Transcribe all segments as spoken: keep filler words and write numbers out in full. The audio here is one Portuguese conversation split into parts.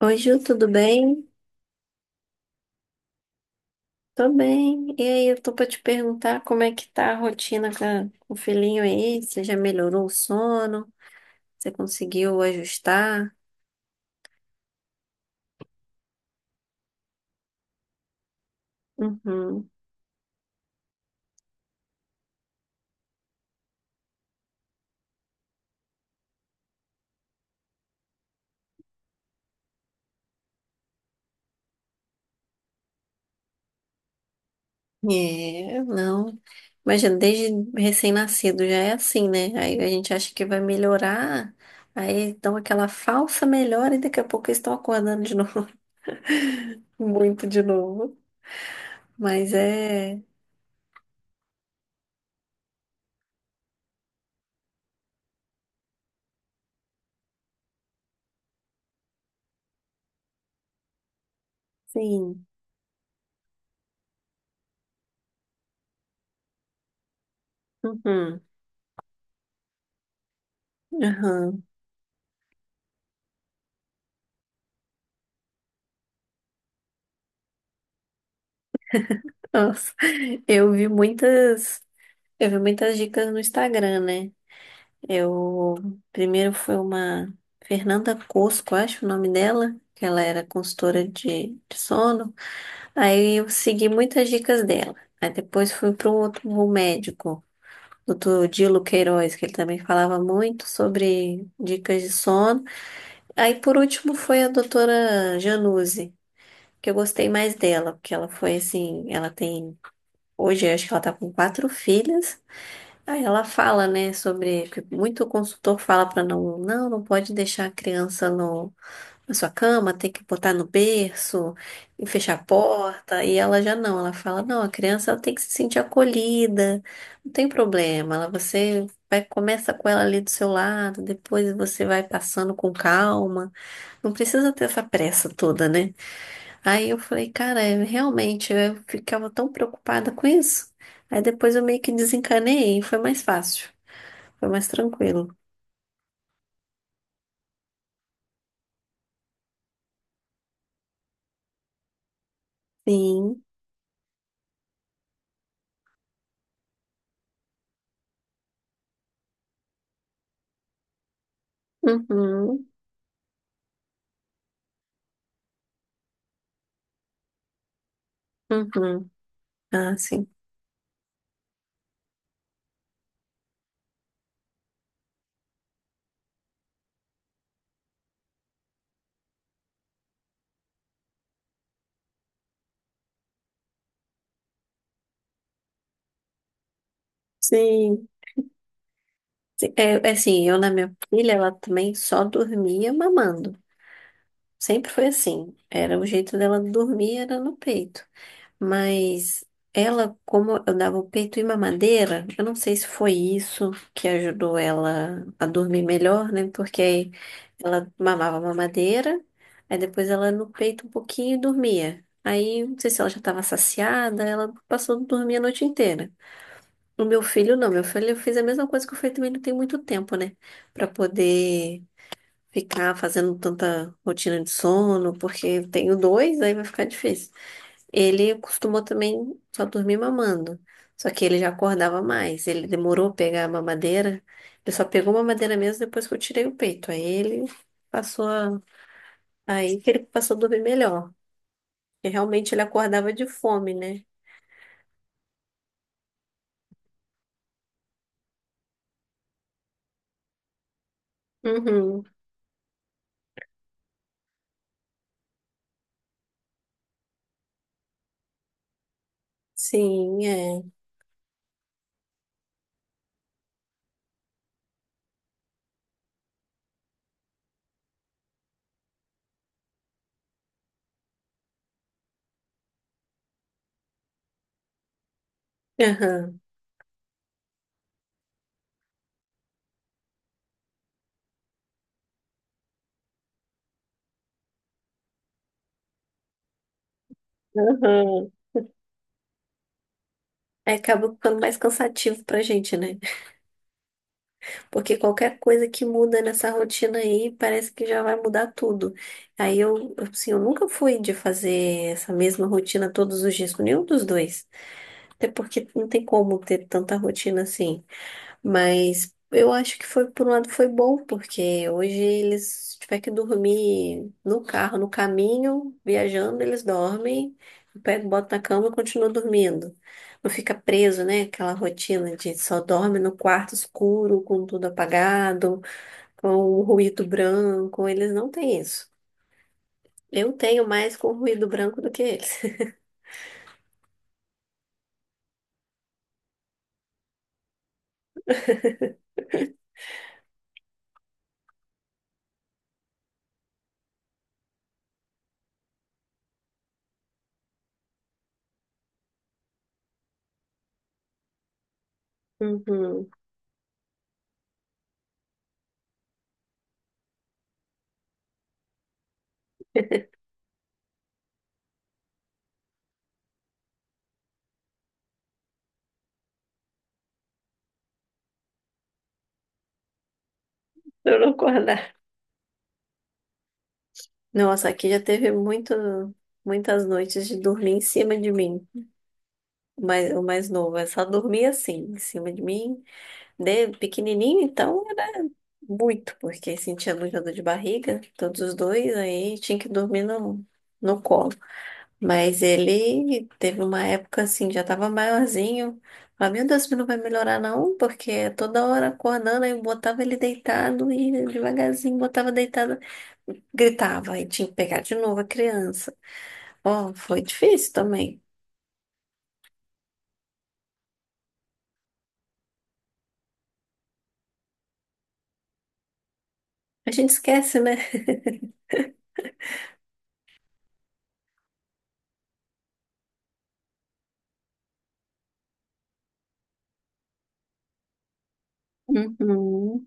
Oi, Ju, tudo bem? Tô bem. E aí, eu tô pra te perguntar como é que tá a rotina com, a- com o filhinho aí? Você já melhorou o sono? Você conseguiu ajustar? Uhum. É, não. Imagina, desde recém-nascido já é assim, né? Aí a gente acha que vai melhorar, aí dão aquela falsa melhora e daqui a pouco eles estão acordando de novo, muito de novo. Mas é, sim. Uhum. Aham. Nossa, eu vi muitas. Eu vi muitas dicas no Instagram, né? Eu primeiro foi uma Fernanda Cosco, acho o nome dela, que ela era consultora de, de sono. Aí eu segui muitas dicas dela. Aí depois fui para um outro um médico, doutor Dilo Queiroz, que ele também falava muito sobre dicas de sono. Aí por último foi a doutora Januse, que eu gostei mais dela, porque ela foi assim, ela tem. Hoje, eu acho que ela tá com quatro filhas. Aí ela fala, né, sobre que muito consultor fala para não, não, não pode deixar a criança no, na sua cama, tem que botar no berço e fechar a porta. E ela já não, ela fala, não, a criança ela tem que se sentir acolhida, não tem problema. Ela, você vai começa com ela ali do seu lado, depois você vai passando com calma. Não precisa ter essa pressa toda, né? Aí eu falei, cara, é, realmente eu ficava tão preocupada com isso. Aí depois eu meio que desencanei e foi mais fácil. Foi mais tranquilo. Sim. Uhum. Uhum. Ah, sim. Sim. Sim. É, é assim, eu na minha filha, ela também só dormia mamando. Sempre foi assim. Era o jeito dela dormir, era no peito. Mas ela, como eu dava o peito e mamadeira, eu não sei se foi isso que ajudou ela a dormir melhor, né? Porque aí ela mamava mamadeira, aí depois ela no peito um pouquinho e dormia. Aí, não sei se ela já estava saciada, ela passou a dormir a noite inteira. O meu filho, não, meu filho, eu fiz a mesma coisa que eu fiz também, não tem muito tempo, né? Pra poder ficar fazendo tanta rotina de sono, porque eu tenho dois, aí vai ficar difícil. Ele costumou também só dormir mamando. Só que ele já acordava mais. Ele demorou a pegar a mamadeira. Ele só pegou a mamadeira mesmo depois que eu tirei o peito. Aí ele passou a... Aí que ele passou a dormir melhor. E realmente ele acordava de fome, né? Uhum. Sim, é. Aham. Aham. Aí acaba ficando mais cansativo pra gente, né? Porque qualquer coisa que muda nessa rotina aí, parece que já vai mudar tudo. Aí eu, assim, eu nunca fui de fazer essa mesma rotina todos os dias com nenhum dos dois. Até porque não tem como ter tanta rotina assim. Mas eu acho que foi, por um lado, foi bom, porque hoje eles, se tiver que dormir no carro, no caminho, viajando, eles dormem, eu pego, boto na cama e continuo dormindo. Não fica preso, né? Aquela rotina de só dorme no quarto escuro, com tudo apagado, com o ruído branco. Eles não têm isso. Eu tenho mais com ruído branco do que eles. Uhum. Eu não acordar. Nossa, aqui já teve muito, muitas noites de dormir em cima de mim. O mais, o mais novo, é só dormia assim, em cima de mim. De pequenininho, então, era muito, porque sentia muita dor de barriga, todos os dois, aí tinha que dormir no, no colo. Mas ele teve uma época assim, já tava maiorzinho. Falei, meu Deus, isso não vai melhorar não, porque toda hora acordando, aí eu botava ele deitado e devagarzinho botava deitado, gritava, aí tinha que pegar de novo a criança. Ó, foi difícil também. A gente esquece, né? Uhum.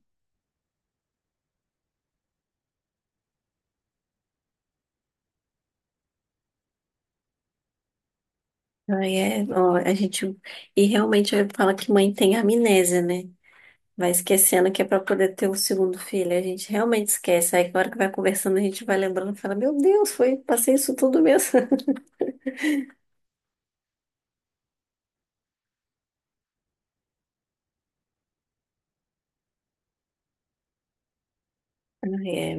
Ai, é, ó, a gente. E realmente fala que mãe tem amnésia, né? Vai esquecendo que é para poder ter o segundo filho. A gente realmente esquece. Aí, na hora que vai conversando, a gente vai lembrando e fala: Meu Deus, foi, passei isso tudo mesmo. Ai, é.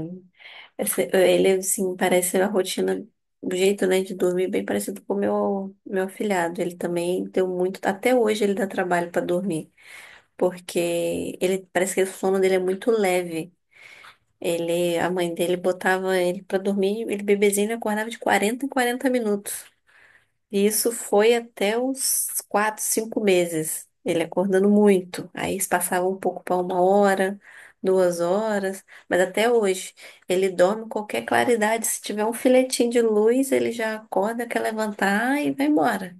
Esse- ele, assim, parece a rotina, o jeito, né, de dormir, bem parecido com o meu, meu afilhado. Ele também deu muito. Até hoje ele dá trabalho para dormir, porque ele parece que o sono dele é muito leve. Ele, a mãe dele botava ele pra dormir, ele bebezinho ele acordava de quarenta em quarenta minutos. E isso foi até uns quatro, cinco meses. Ele acordando muito. Aí isso passava um pouco para uma hora, duas horas, mas até hoje ele dorme em qualquer claridade. Se tiver um filetinho de luz, ele já acorda, quer levantar e vai embora.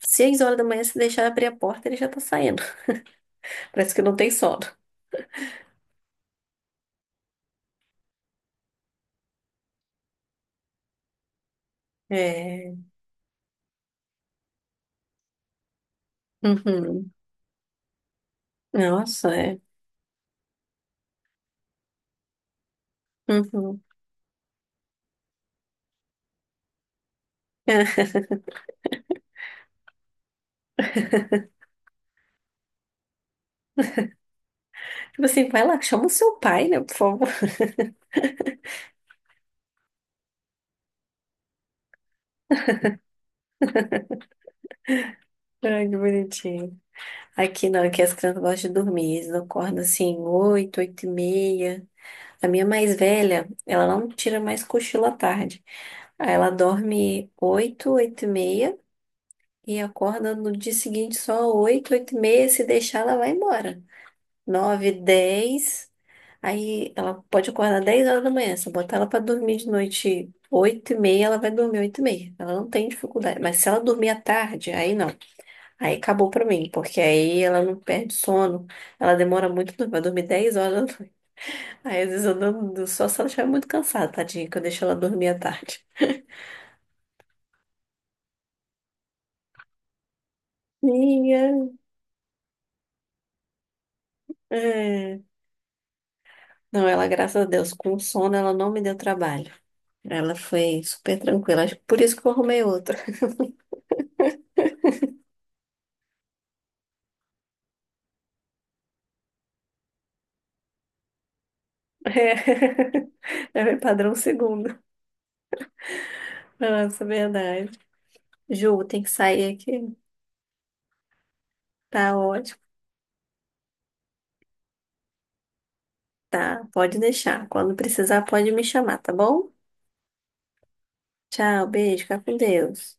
Seis horas da manhã, se deixar abrir a porta, ele já tá saindo. Parece que não tem sono. É. Uhum. Nossa, é. Uhum. Tipo assim, vai lá, chama o seu pai, né, por favor. Ai, que bonitinho. Aqui não, aqui as crianças gostam de dormir. Eles acordam assim, oito, oito e meia. A minha mais velha, ela não tira mais cochilo à tarde. Aí ela dorme oito, oito e meia e acorda no dia seguinte só oito, oito e meia. Se deixar, ela vai embora. Nove, dez. Aí ela pode acordar dez horas da manhã. Se eu botar ela pra dormir de noite oito e meia, ela vai dormir oito e meia. Ela não tem dificuldade. Mas se ela dormir à tarde, aí não. Aí acabou pra mim, porque aí ela não perde sono, ela demora muito, pra dormir, vai dormir dez horas da noite horas da noite. Aí às vezes eu durmo só se ela estiver muito cansada, tadinha, que eu deixo ela dormir à tarde. Minha. É. Não, ela, graças a Deus, com sono ela não me deu trabalho. Ela foi super tranquila, acho que por isso que eu arrumei outra. É, é meu padrão segundo. Nossa, verdade. Ju, tem que sair aqui. Tá ótimo. Tá, pode deixar. Quando precisar, pode me chamar, tá bom? Tchau, beijo, fica com Deus.